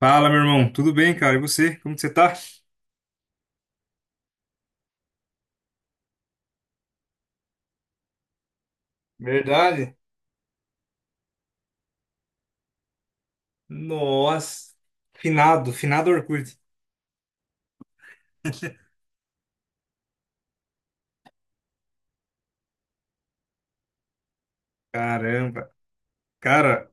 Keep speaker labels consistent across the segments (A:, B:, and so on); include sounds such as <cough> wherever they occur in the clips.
A: Fala, meu irmão. Tudo bem, cara? E você? Como que você tá? Verdade? Nossa, finado Orkut. <laughs> Caramba. Cara,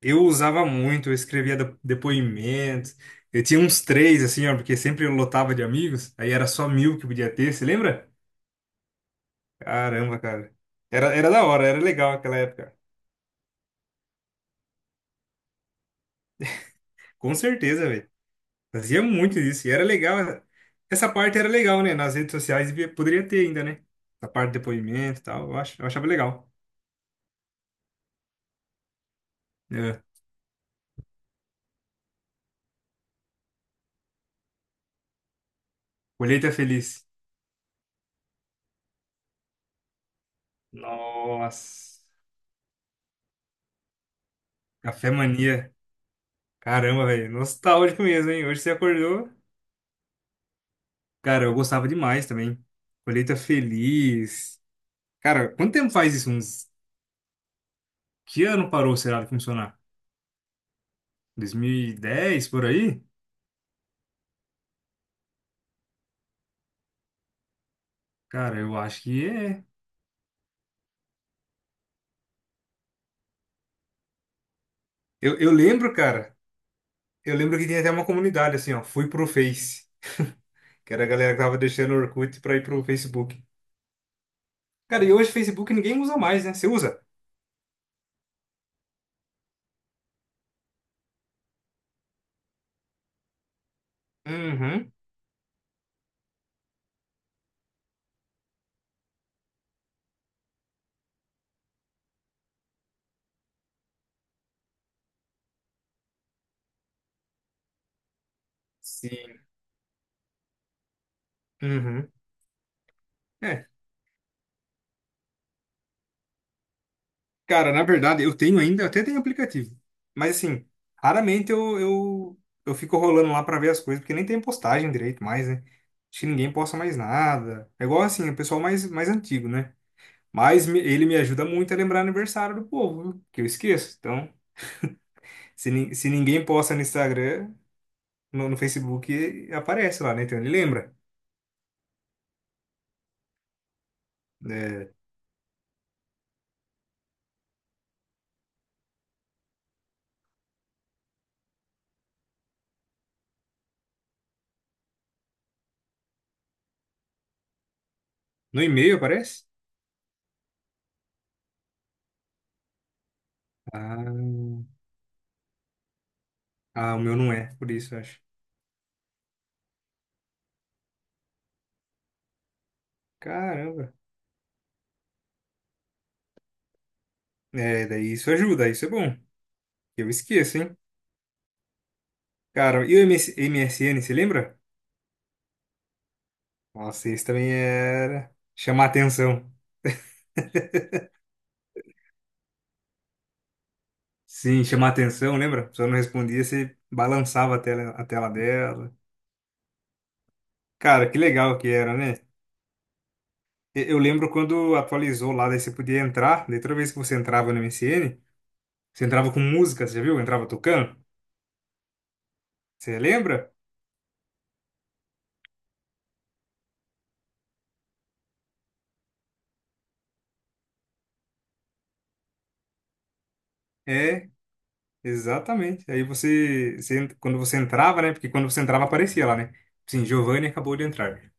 A: eu usava muito, eu escrevia depoimentos. Eu tinha uns três, assim, ó, porque sempre eu lotava de amigos. Aí era só 1.000 que podia ter, você lembra? Caramba, cara. Era da hora, era legal aquela época. Com certeza, velho. Fazia muito isso. E era legal. Essa parte era legal, né? Nas redes sociais poderia ter ainda, né? A parte de depoimento e tal. Eu achava legal. É. Colheita Feliz. Nossa. Café Mania. Caramba, velho. Nostálgico mesmo, hein? Hoje você acordou. Cara, eu gostava demais também. Colheita Feliz. Cara, quanto tempo faz isso? Uns... Que ano parou, será, de funcionar? 2010, por aí? Cara, eu acho que é. Eu lembro, cara. Eu lembro que tinha até uma comunidade, assim, ó. Fui pro Face. Que era a galera que tava deixando o Orkut pra ir pro Facebook. Cara, e hoje o Facebook ninguém usa mais, né? Você usa? Uhum. Sim. Uhum. É, cara, na verdade, eu tenho ainda, eu até tenho aplicativo. Mas assim, raramente eu, eu fico rolando lá pra ver as coisas, porque nem tem postagem direito mais, né? Acho que ninguém posta mais nada. É igual assim, o pessoal mais, mais antigo, né? Mas ele me ajuda muito a lembrar aniversário do povo, viu? Que eu esqueço. Então, se ninguém posta no Instagram, no, no Facebook, aparece lá, né? Então ele lembra. É, no e-mail aparece? Ah, ah, o meu não é, por isso, eu acho. Caramba. É, daí isso ajuda, isso é bom. Eu esqueço, hein? Cara, e o MS MSN, você lembra? Nossa, esse também era chamar atenção. Sim, chamar atenção, lembra? A pessoa não respondia, você balançava a tela dela. Cara, que legal que era, né? Eu lembro quando atualizou lá, daí você podia entrar, daí toda vez que você entrava no MSN, você entrava com música, você já viu? Entrava tocando. Você lembra? É, exatamente. Aí você, você, quando você entrava, né? Porque quando você entrava aparecia lá, né? Sim, Giovanni acabou de entrar.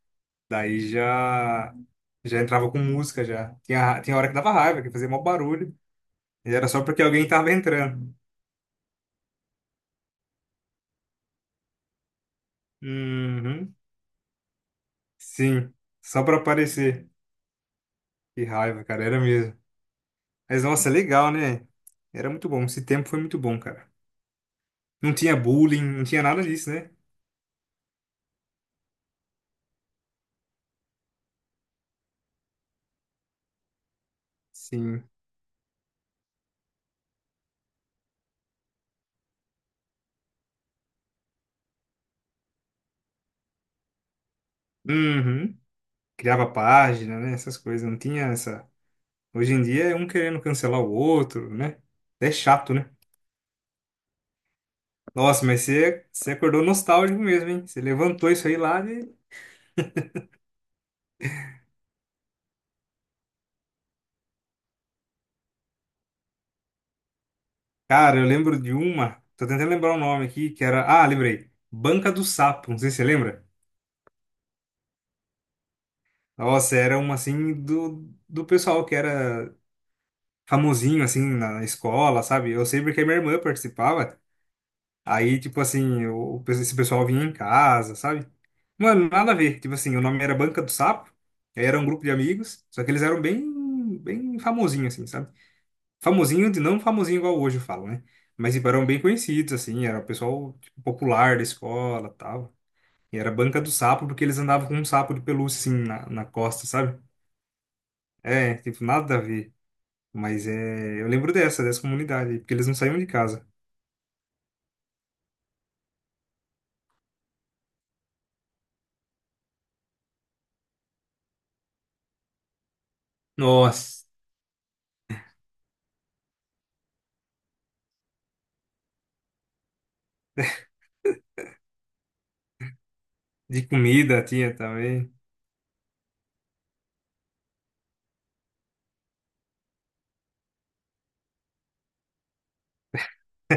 A: Daí já entrava com música já. Tinha hora que dava raiva, que fazia mó barulho. E era só porque alguém tava entrando. Uhum. Sim, só pra aparecer. Que raiva, cara, era mesmo. Mas nossa, legal, né? Era muito bom. Esse tempo foi muito bom, cara. Não tinha bullying, não tinha nada disso, né? Sim. Uhum. Criava página, né? Essas coisas. Não tinha essa. Hoje em dia é um querendo cancelar o outro, né? É chato, né? Nossa, mas você, você acordou nostálgico mesmo, hein? Você levantou isso aí lá de. Cara, eu lembro de uma. Tô tentando lembrar o nome aqui, que era. Ah, lembrei. Banca do Sapo, não sei se você lembra. Nossa, era uma assim do pessoal que era famosinho assim na escola, sabe? Eu sei porque minha irmã participava. Aí, tipo assim, esse pessoal vinha em casa, sabe? Mano, nada a ver. Tipo assim, o nome era Banca do Sapo. Aí era um grupo de amigos, só que eles eram bem, bem famosinhos, assim, sabe? Famosinho, de não famosinho igual hoje eu falo, né? Mas tipo, eram bem conhecidos, assim, era o pessoal tipo, popular da escola tal. E era banca do sapo, porque eles andavam com um sapo de pelúcia, assim, na costa, sabe? É, tipo, nada a ver. Mas é, eu lembro dessa comunidade, porque eles não saíam de casa. Nossa, de comida tinha também.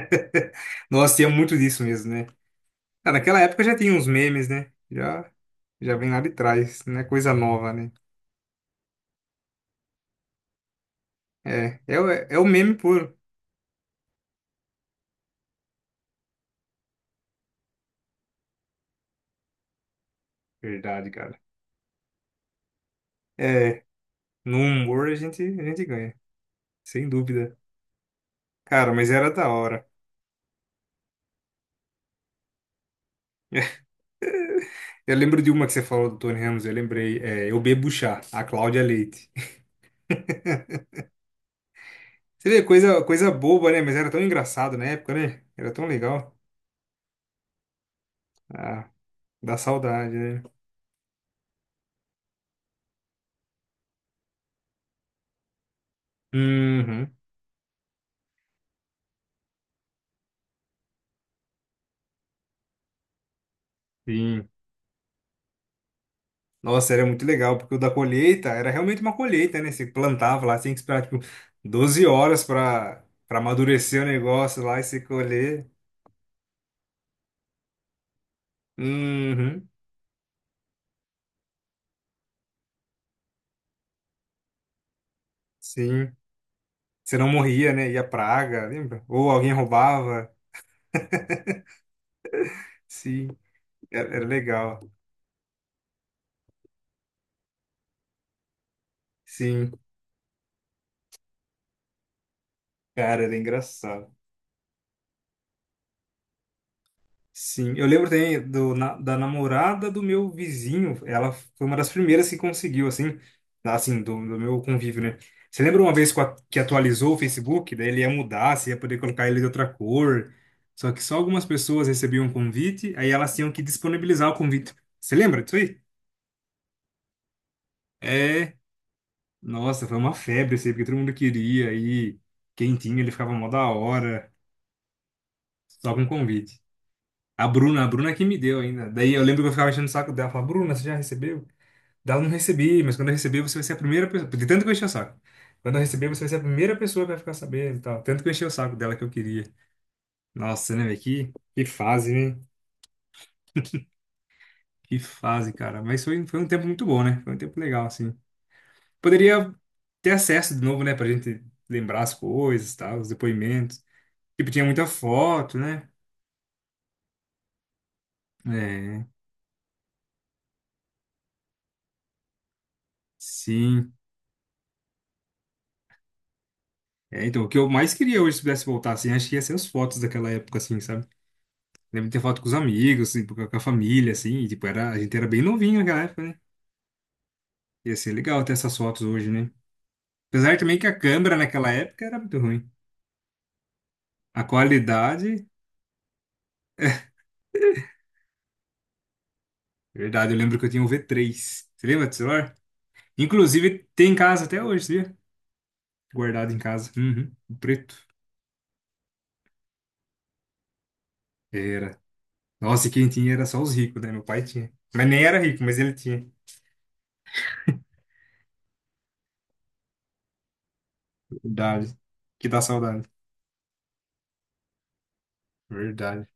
A: <laughs> Nossa, tinha muito disso mesmo, né? Ah, naquela época já tinha uns memes, né? Já vem lá de trás, não é coisa nova, né? É o meme puro. Verdade, cara. É, no humor a gente ganha, sem dúvida. Cara, mas era da hora. <laughs> Eu lembro de uma que você falou do Tony Ramos, eu lembrei. É, eu bebo chá, a Cláudia Leite. <laughs> Você vê, coisa boba, né? Mas era tão engraçado na época, né? Era tão legal. Ah, dá saudade, né? Uhum, sim. Nossa, era muito legal, porque o da colheita era realmente uma colheita, né? Você plantava lá, tinha que esperar, tipo, 12 horas pra, pra amadurecer o negócio lá e se colher. Uhum, sim. Você não morria, né? Ia praga, lembra? Ou alguém roubava. Sim, era, era legal. Sim, cara, era engraçado. Sim, eu lembro também do, da namorada do meu vizinho. Ela foi uma das primeiras que conseguiu, assim, assim, do meu convívio, né? Você lembra uma vez que atualizou o Facebook? Daí ele ia mudar, você ia poder colocar ele de outra cor. Só que só algumas pessoas recebiam o convite, aí elas tinham que disponibilizar o convite. Você lembra disso aí? É. Nossa, foi uma febre isso aí, porque todo mundo queria e quem tinha, ele ficava mó da hora, só com convite. A Bruna que me deu ainda. Daí eu lembro que eu ficava enchendo o saco dela, falava, Bruna, você já recebeu? Dela, não recebi, mas quando eu receber, você vai ser a primeira pessoa. De tanto que eu enchi o saco. Quando eu receber, você vai ser a primeira pessoa que vai ficar sabendo e tal. Tanto que eu enchi o saco dela que eu queria. Nossa, né, velho? Que fase, né? Que fase, cara. Mas foi um tempo muito bom, né? Foi um tempo legal, assim. Poderia ter acesso de novo, né, pra gente lembrar as coisas, tal, os depoimentos. Tipo, tinha muita foto, né? É, sim. É, então, o que eu mais queria hoje, se pudesse voltar, assim, acho que ia ser as fotos daquela época, assim, sabe? Lembro de ter foto com os amigos, assim, com a família, assim, e, tipo, era, a gente era bem novinho naquela época, né? Ia ser legal ter essas fotos hoje, né? Apesar também que a câmera naquela época era muito ruim. A qualidade, verdade, eu lembro que eu tinha um V3. Você lembra do celular? Inclusive, tem em casa até hoje, sabia? Guardado em casa. Uhum, o preto. Era. Nossa, e quem tinha era só os ricos, né? Meu pai tinha. Mas nem era rico, mas ele tinha. Verdade. Que dá saudade. Verdade.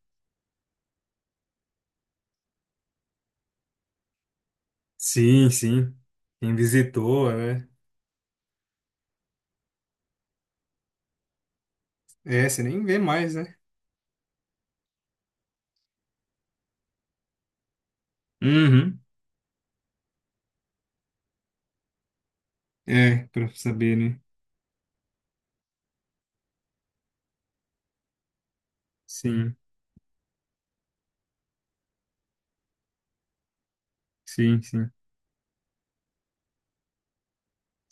A: Sim, sim. Quem visitou, né? É, você nem vê mais, né? Uhum. É, pra saber, né? Sim, sim, sim.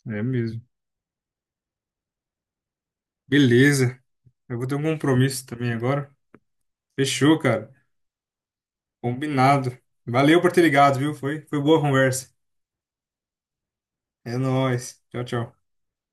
A: É mesmo. Beleza. Eu vou ter um compromisso também agora. Fechou, cara. Combinado. Valeu por ter ligado, viu? Foi boa a conversa. É nóis. Tchau, tchau.